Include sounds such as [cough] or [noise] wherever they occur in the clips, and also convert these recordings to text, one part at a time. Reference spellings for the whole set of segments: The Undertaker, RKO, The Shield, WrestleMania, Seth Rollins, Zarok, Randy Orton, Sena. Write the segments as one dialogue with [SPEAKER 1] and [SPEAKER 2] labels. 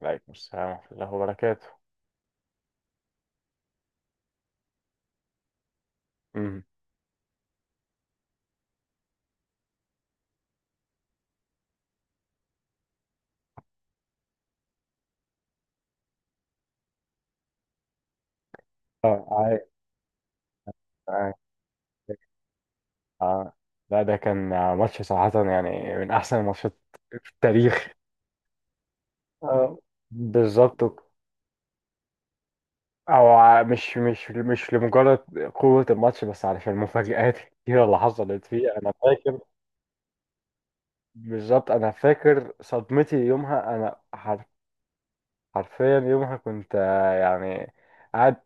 [SPEAKER 1] وعليكم السلام ورحمة الله وبركاته. مم. اه، عاي- آه. لا ده كان ماتش صراحة يعني من أحسن الماتشات في التاريخ. آه. بالظبط. مش لمجرد قوة الماتش، بس علشان المفاجآت الكتيرة اللي حصلت فيه. أنا فاكر، بالظبط أنا فاكر صدمتي يومها. حرفيا يومها كنت، يعني قاعد.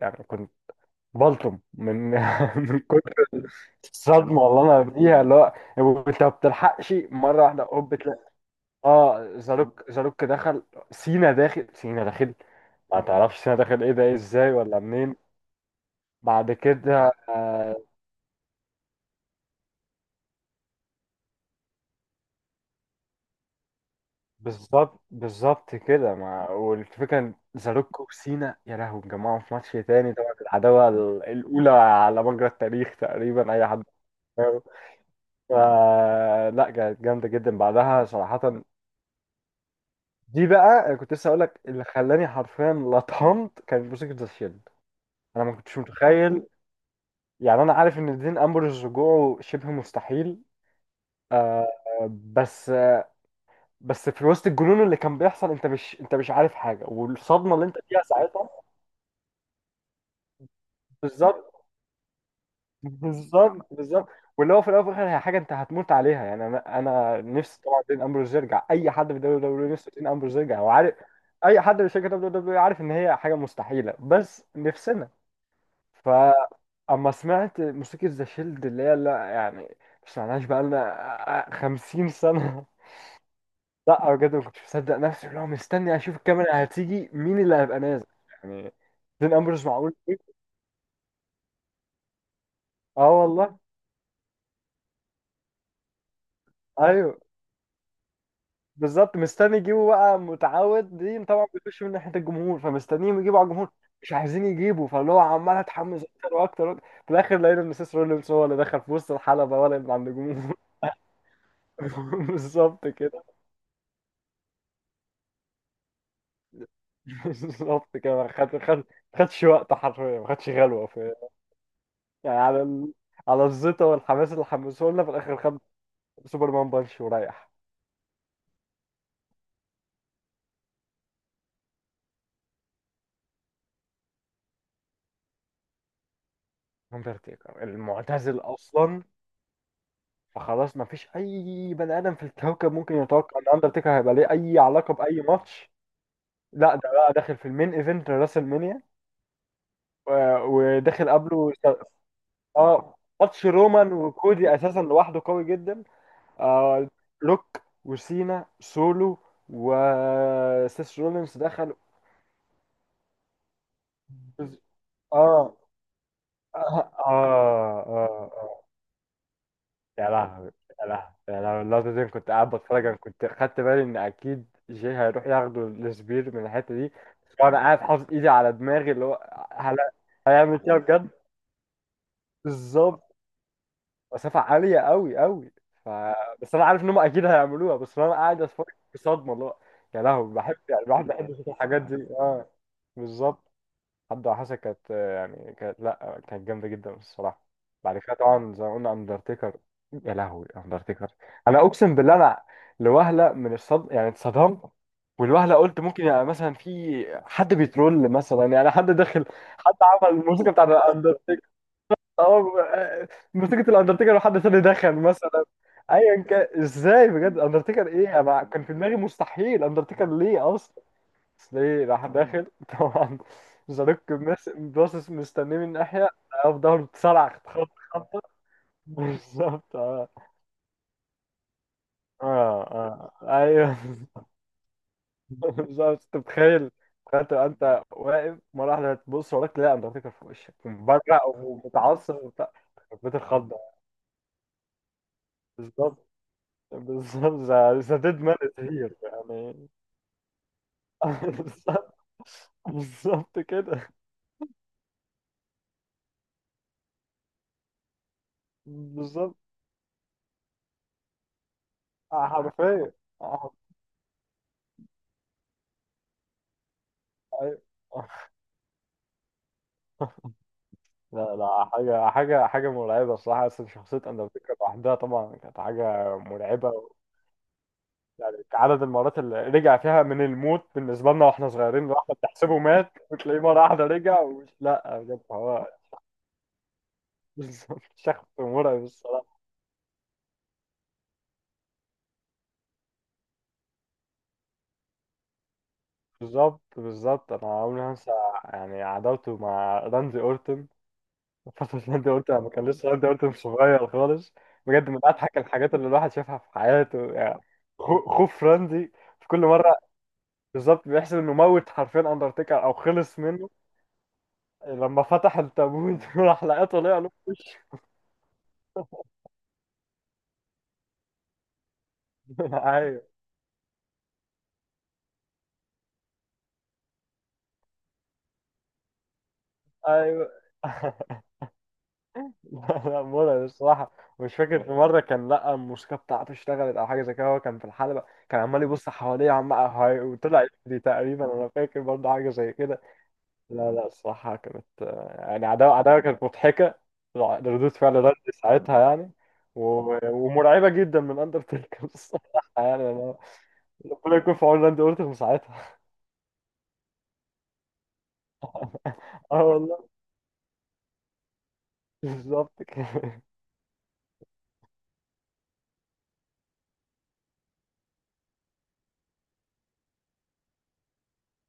[SPEAKER 1] يعني كنت بلطم من [laughs] من كتر صدمة. والله انا بديها اللي هو انت ما بتلحقش، مرة واحدة هوب بتلاقي. اه، زاروك زاروك دخل. سينا داخل، سينا داخل. ما تعرفش سينا داخل ايه ده، إيه ازاي ولا منين؟ بعد كده آه. بالظبط، بالظبط كده. ما، والفكرة ان زاروك وسينا، يا لهوي، اتجمعوا في ماتش تاني طبعا. العداوة الأولى على مجرى التاريخ، تقريبا أي حد. فا لا، كانت جامدة جدا بعدها صراحة. دي بقى كنت لسه هقول لك، اللي خلاني حرفيا لطمت كان موسيقى ذا شيلد. انا ما كنتش متخيل، يعني انا عارف ان دين امبرز رجوعه شبه مستحيل. آه. بس آه بس في وسط الجنون اللي كان بيحصل، انت مش عارف حاجه، والصدمه اللي انت فيها ساعتها. بالظبط، بالظبط، بالظبط. واللي هو في الاول وفي الاخر، هي حاجه انت هتموت عليها. يعني انا نفسي طبعا دين امبرز يرجع، اي حد في دبليو دبليو نفسه دين امبرز يرجع، وعارف اي حد في شركه دبليو دبليو عارف ان هي حاجه مستحيله، بس نفسنا. فأما سمعت موسيقى ذا شيلد، اللي هي لا يعني ما سمعناش بقالنا 50 سنة، لا بجد ما كنتش مصدق نفسي. اللي هو مستني أشوف الكاميرا هتيجي، مين اللي هيبقى نازل؟ يعني دين أمبرس، معقول إيه؟ اه، والله. ايوه، بالظبط، مستني يجيبوا بقى. متعود دي طبعا بيخش من ناحيه الجمهور، فمستنيين يجيبوا على الجمهور. مش عايزين يجيبوا، فاللي هو عمال اتحمس اكتر واكتر وأكتر. في الاخر لقينا ان سيس رولينز هو اللي دخل في وسط الحلبه، ولا اللي عند الجمهور. [laughs] بالظبط كده. بالظبط كده، ما خد خد خدش وقت، حرفيا ما خدش غلوه في، يعني على الزيطه والحماس اللي حمسوه لنا، في الاخر خد سوبرمان بانش وريح. اندرتيكر المعتزل اصلا، فخلاص ما فيش اي بني ادم في الكوكب ممكن يتوقع ان اندرتيكر هيبقى ليه اي علاقه باي ماتش. لا ده بقى داخل في المين ايفنت راسل مانيا، وداخل قبله اه. ماتش رومان وكودي اساسا لوحده قوي جدا. آه. لوك وسينا سولو وسيس رولينز دخل. اه، اه، اه، اه. يا لهوي، يا لهوي، يا لهوي، اللقطة دي. أنا كنت قاعد بتفرج، انا كنت خدت بالي ان اكيد جي هيروح ياخده السبير من الحتة دي، وانا قاعد حاطط ايدي على دماغي. اللي هو هيعمل كده بجد؟ بالظبط، مسافة عالية قوي قوي. ف... بس انا عارف ان هم اكيد هيعملوها، بس انا قاعد اتفرج بصدمة. اللي هو يا لهوي. بحب يعني الواحد بيحب يشوف الحاجات دي. اه، بالظبط. حد وحشة كانت، يعني كانت لا كانت جامدة جدا الصراحة. بعد كده طبعا زي ما قلنا اندرتيكر. يا لهوي اندرتيكر. انا اقسم بالله، انا لوهلة من الصدم يعني اتصدمت. والوهلة قلت ممكن يعني مثلا في حد بيترول، مثلا يعني حد داخل، حد عمل الموسيقى بتاع الاندرتيكر. اه. موسيقى الاندرتيكر، وحد تاني دخل مثلا، ايا كان. ازاي بجد اندرتيكر؟ ايه انا كان في دماغي مستحيل اندرتيكر ليه اصلا. سلي راح داخل [laughs] طبعا، زاروك باصص مستنيه من ناحية، في ظهره اتسرع خط خطة. [laughs] بالظبط. اه، اه، اه، ايوه. [laughs] بالظبط، انت متخيل؟ تخيل تبقى انت واقف مرة واحدة، تبص وراك تلاقي اندرتيكر في وشك مبرق ومتعصب وبتاع. بيت الخضة. بالظبط، بالظبط. ذا ديد مان هير يعني. [laughs] بالظبط. بالظبط كده. بالظبط، حرفيا. آه. أيوة. [laughs] لا لا، حاجة حاجة حاجة مرعبة الصراحة. أصلا شخصية أندرتيكر لوحدها طبعا كانت حاجة مرعبة. يعني عدد المرات اللي رجع فيها من الموت بالنسبة لنا وإحنا صغيرين، الواحد تحسبه مات وتلاقيه مرة واحدة رجع. ومش لا، بجد هو [laughs] شخص مرعب الصراحة. بالظبط، بالظبط، أنا عمري ما هنسى يعني عداوته مع راندي أورتون فترة. [laughs] راندي أورتون لما كان لسه راندي أورتون صغير خالص، بجد من أضحك الحاجات اللي الواحد شافها في حياته يعني. خوف راندي في كل مرة، بالظبط بيحسب انه موت حرفيا اندرتيكر او خلص منه. لما فتح التابوت [laughs] راح لقاه طالع له في وشه. ايوه، ايوه. [laughs] لا لا، مرعب الصراحه. مش فاكر في مره كان لقى الموسيقى بتاعته اشتغلت او حاجه زي كده. هو كان في الحلبه، كان عمال يبص حواليه، وطلع يجري تقريبا. انا فاكر برضه حاجه زي كده. لا لا، الصراحة كانت، يعني عداوة عداوة كانت مضحكة. ردود فعل. ساعتها يعني، ومرعبة جدا من أندرتيكر. [laughs] الصراحة يعني، أنا ربنا يكون في عون راندي أورتون ساعتها. [laughs] اه، والله. بالظبط كده. [laughs]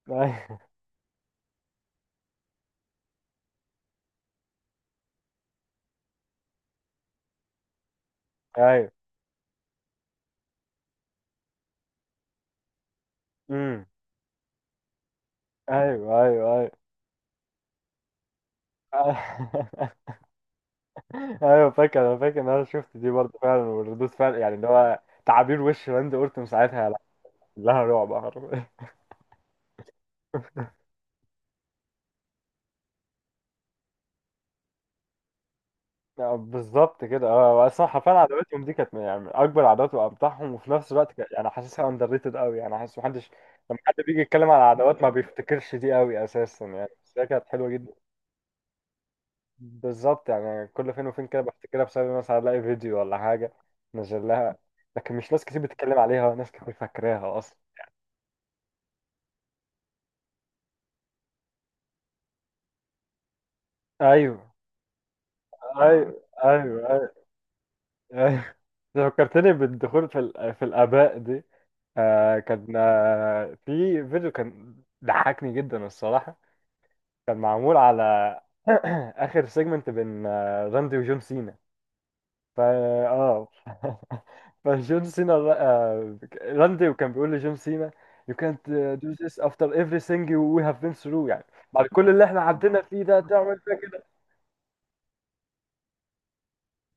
[SPEAKER 1] أيوه، أيوه. أمم. أيوه، أيوه، أيوه. [laughs] أيوه فاكر. أنا فاكر إن أنا شفت دي برضه فعلا. وردود فعل يعني، اللي هو تعابير وش راندي أورتون ساعتها، لها رعب. بالظبط كده. اه، اصلا حرفيا عداوتهم دي كانت يعني من اكبر عداوات وامتعهم. وفي نفس الوقت يعني حاسسها اندر ريتد قوي، يعني حاسس محدش لما حد بيجي يتكلم على العداوات ما بيفتكرش دي قوي اساسا يعني. بس هي كانت حلوه جدا. بالظبط، يعني كل فين وفين كده بفتكرها بسبب مثلا الاقي فيديو ولا حاجه نزل لها. لكن مش ناس كتير بتتكلم عليها، ناس كتير فاكراها اصلا. ايوه، ايوه، ايوه، ايوه، أيوة. [laughs] فكرتني بالدخول في في الاباء دي. كان، في فيديو كان ضحكني جدا الصراحة. كان معمول على [coughs] [clears throat] آخر سيجمنت بين راندي وجون سينا. فا، اه. [laughs] فجون سينا راندي، وكان بيقول لجون سينا: "You can't do this after everything we have been through" يعني بعد كل اللي احنا عدينا فيه ده تعمل فيها،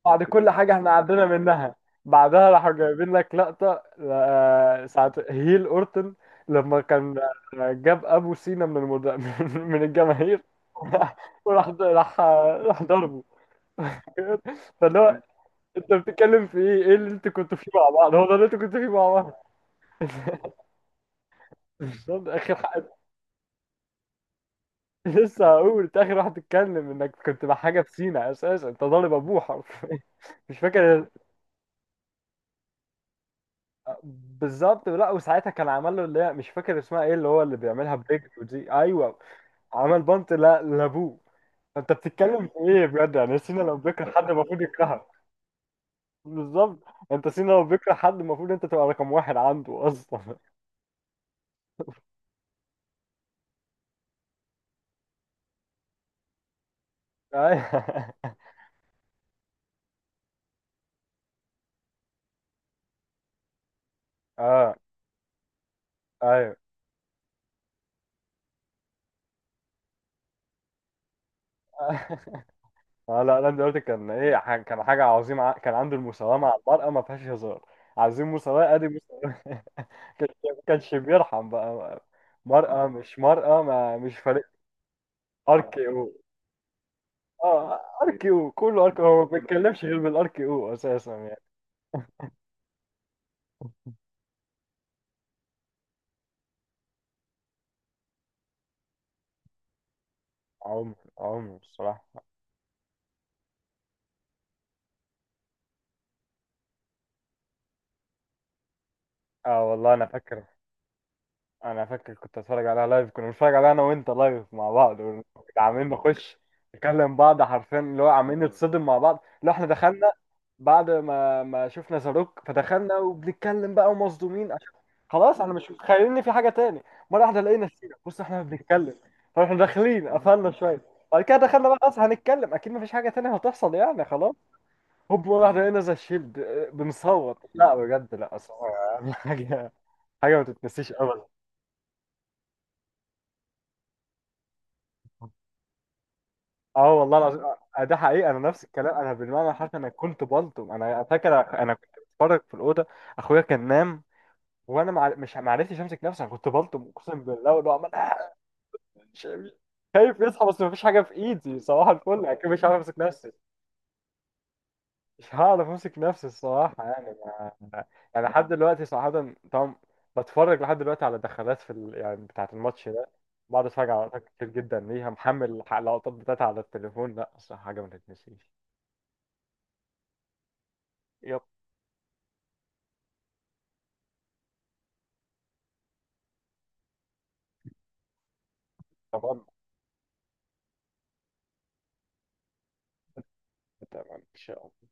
[SPEAKER 1] بعد كل حاجة احنا عدينا منها. بعدها راحوا جايبين لك لقطة، ساعة هيل أورتن، لما كان جاب أبو سينا من [laughs] من الجماهير. [laughs] وراح راح راح ضربه. فاللي هو انت بتتكلم في ايه؟ ايه اللي انت كنت فيه مع بعض؟ هو ده اللي انت كنت فيه مع بعض؟ بالظبط، اخر [laughs] لسه هقول، انت اخر واحد تتكلم انك كنت مع حاجه في سينا اساسا، انت ضارب ابوه حرفيا، مش فاكر. بالظبط، لا وساعتها كان عمل له اللي هي مش فاكر اسمها ايه، اللي هو اللي بيعملها برجله دي. ايوه، عمل بنط، لا لابوه. انت بتتكلم في ايه بجد يعني؟ سينا لو بيكره حد المفروض يكرهك. بالظبط، انت سينا لو بيكره حد المفروض انت تبقى رقم واحد عنده اصلا. [laughs] ايوه، اه، ايوه. [laughs] اه، لا لا، دلوقتي كان ايه، كان حاجه عظيمه، كان عنده المساواه مع المرأة، ما فيهاش هزار. عايزين مساواه، ادي مساواه. [laughs] كانش كانش بيرحم بقى، مرأة مش مرأة، ما مش فارق. RKO. اه، ار كي او، كله ار كي او. هو ما بيتكلمش غير بالار كي او اساسا يعني. عمر عمر الصراحه. اه والله انا فاكر. انا فاكر كنت اتفرج عليها لايف. كنا بنتفرج عليها انا وانت لايف مع بعض، وكنا عاملين نخش نكلم بعض حرفيا، اللي هو عاملين نتصدم مع بعض لو احنا دخلنا بعد ما شفنا زاروك. فدخلنا وبنتكلم بقى، ومصدومين عشان خلاص انا مش متخيل ان في حاجه تاني. مره واحده لقينا سينا، بص احنا بنتكلم، فاحنا داخلين قفلنا شويه. بعد كده دخلنا بقى، خلاص هنتكلم اكيد مفيش حاجه تانية هتحصل يعني، خلاص. هوب مره واحده لقينا زي الشيلد، بنصوت. لا بجد، لا الصراحة [laughs] حاجه، حاجه ما تتنسيش ابدا. اه والله العظيم، ده حقيقي. انا نفس الكلام، انا بالمعنى الحرفي انا كنت بلطم. انا فاكر انا كنت بتفرج في الاوضه، اخويا كان نام، وانا مع... مش ما عرفتش امسك نفسي. انا كنت بلطم اقسم بالله. واللي هو عمال، مش مش- خايف يصحى بس مفيش حاجه في ايدي. صباح الفل اكيد مش هعرف امسك نفسي. مش هعرف امسك نفسي الصراحه يعني. ما... يعني لحد دلوقتي صراحه طبعا، بتفرج لحد دلوقتي على دخلات في يعني بتاعه الماتش ده. بقعد اتفرج على لقطات كتير جدا، ليها محمل اللقطات بتاعتها على التليفون. لا الصراحه حاجه ما تتنسيش. طبعا، طبعا ان شاء الله.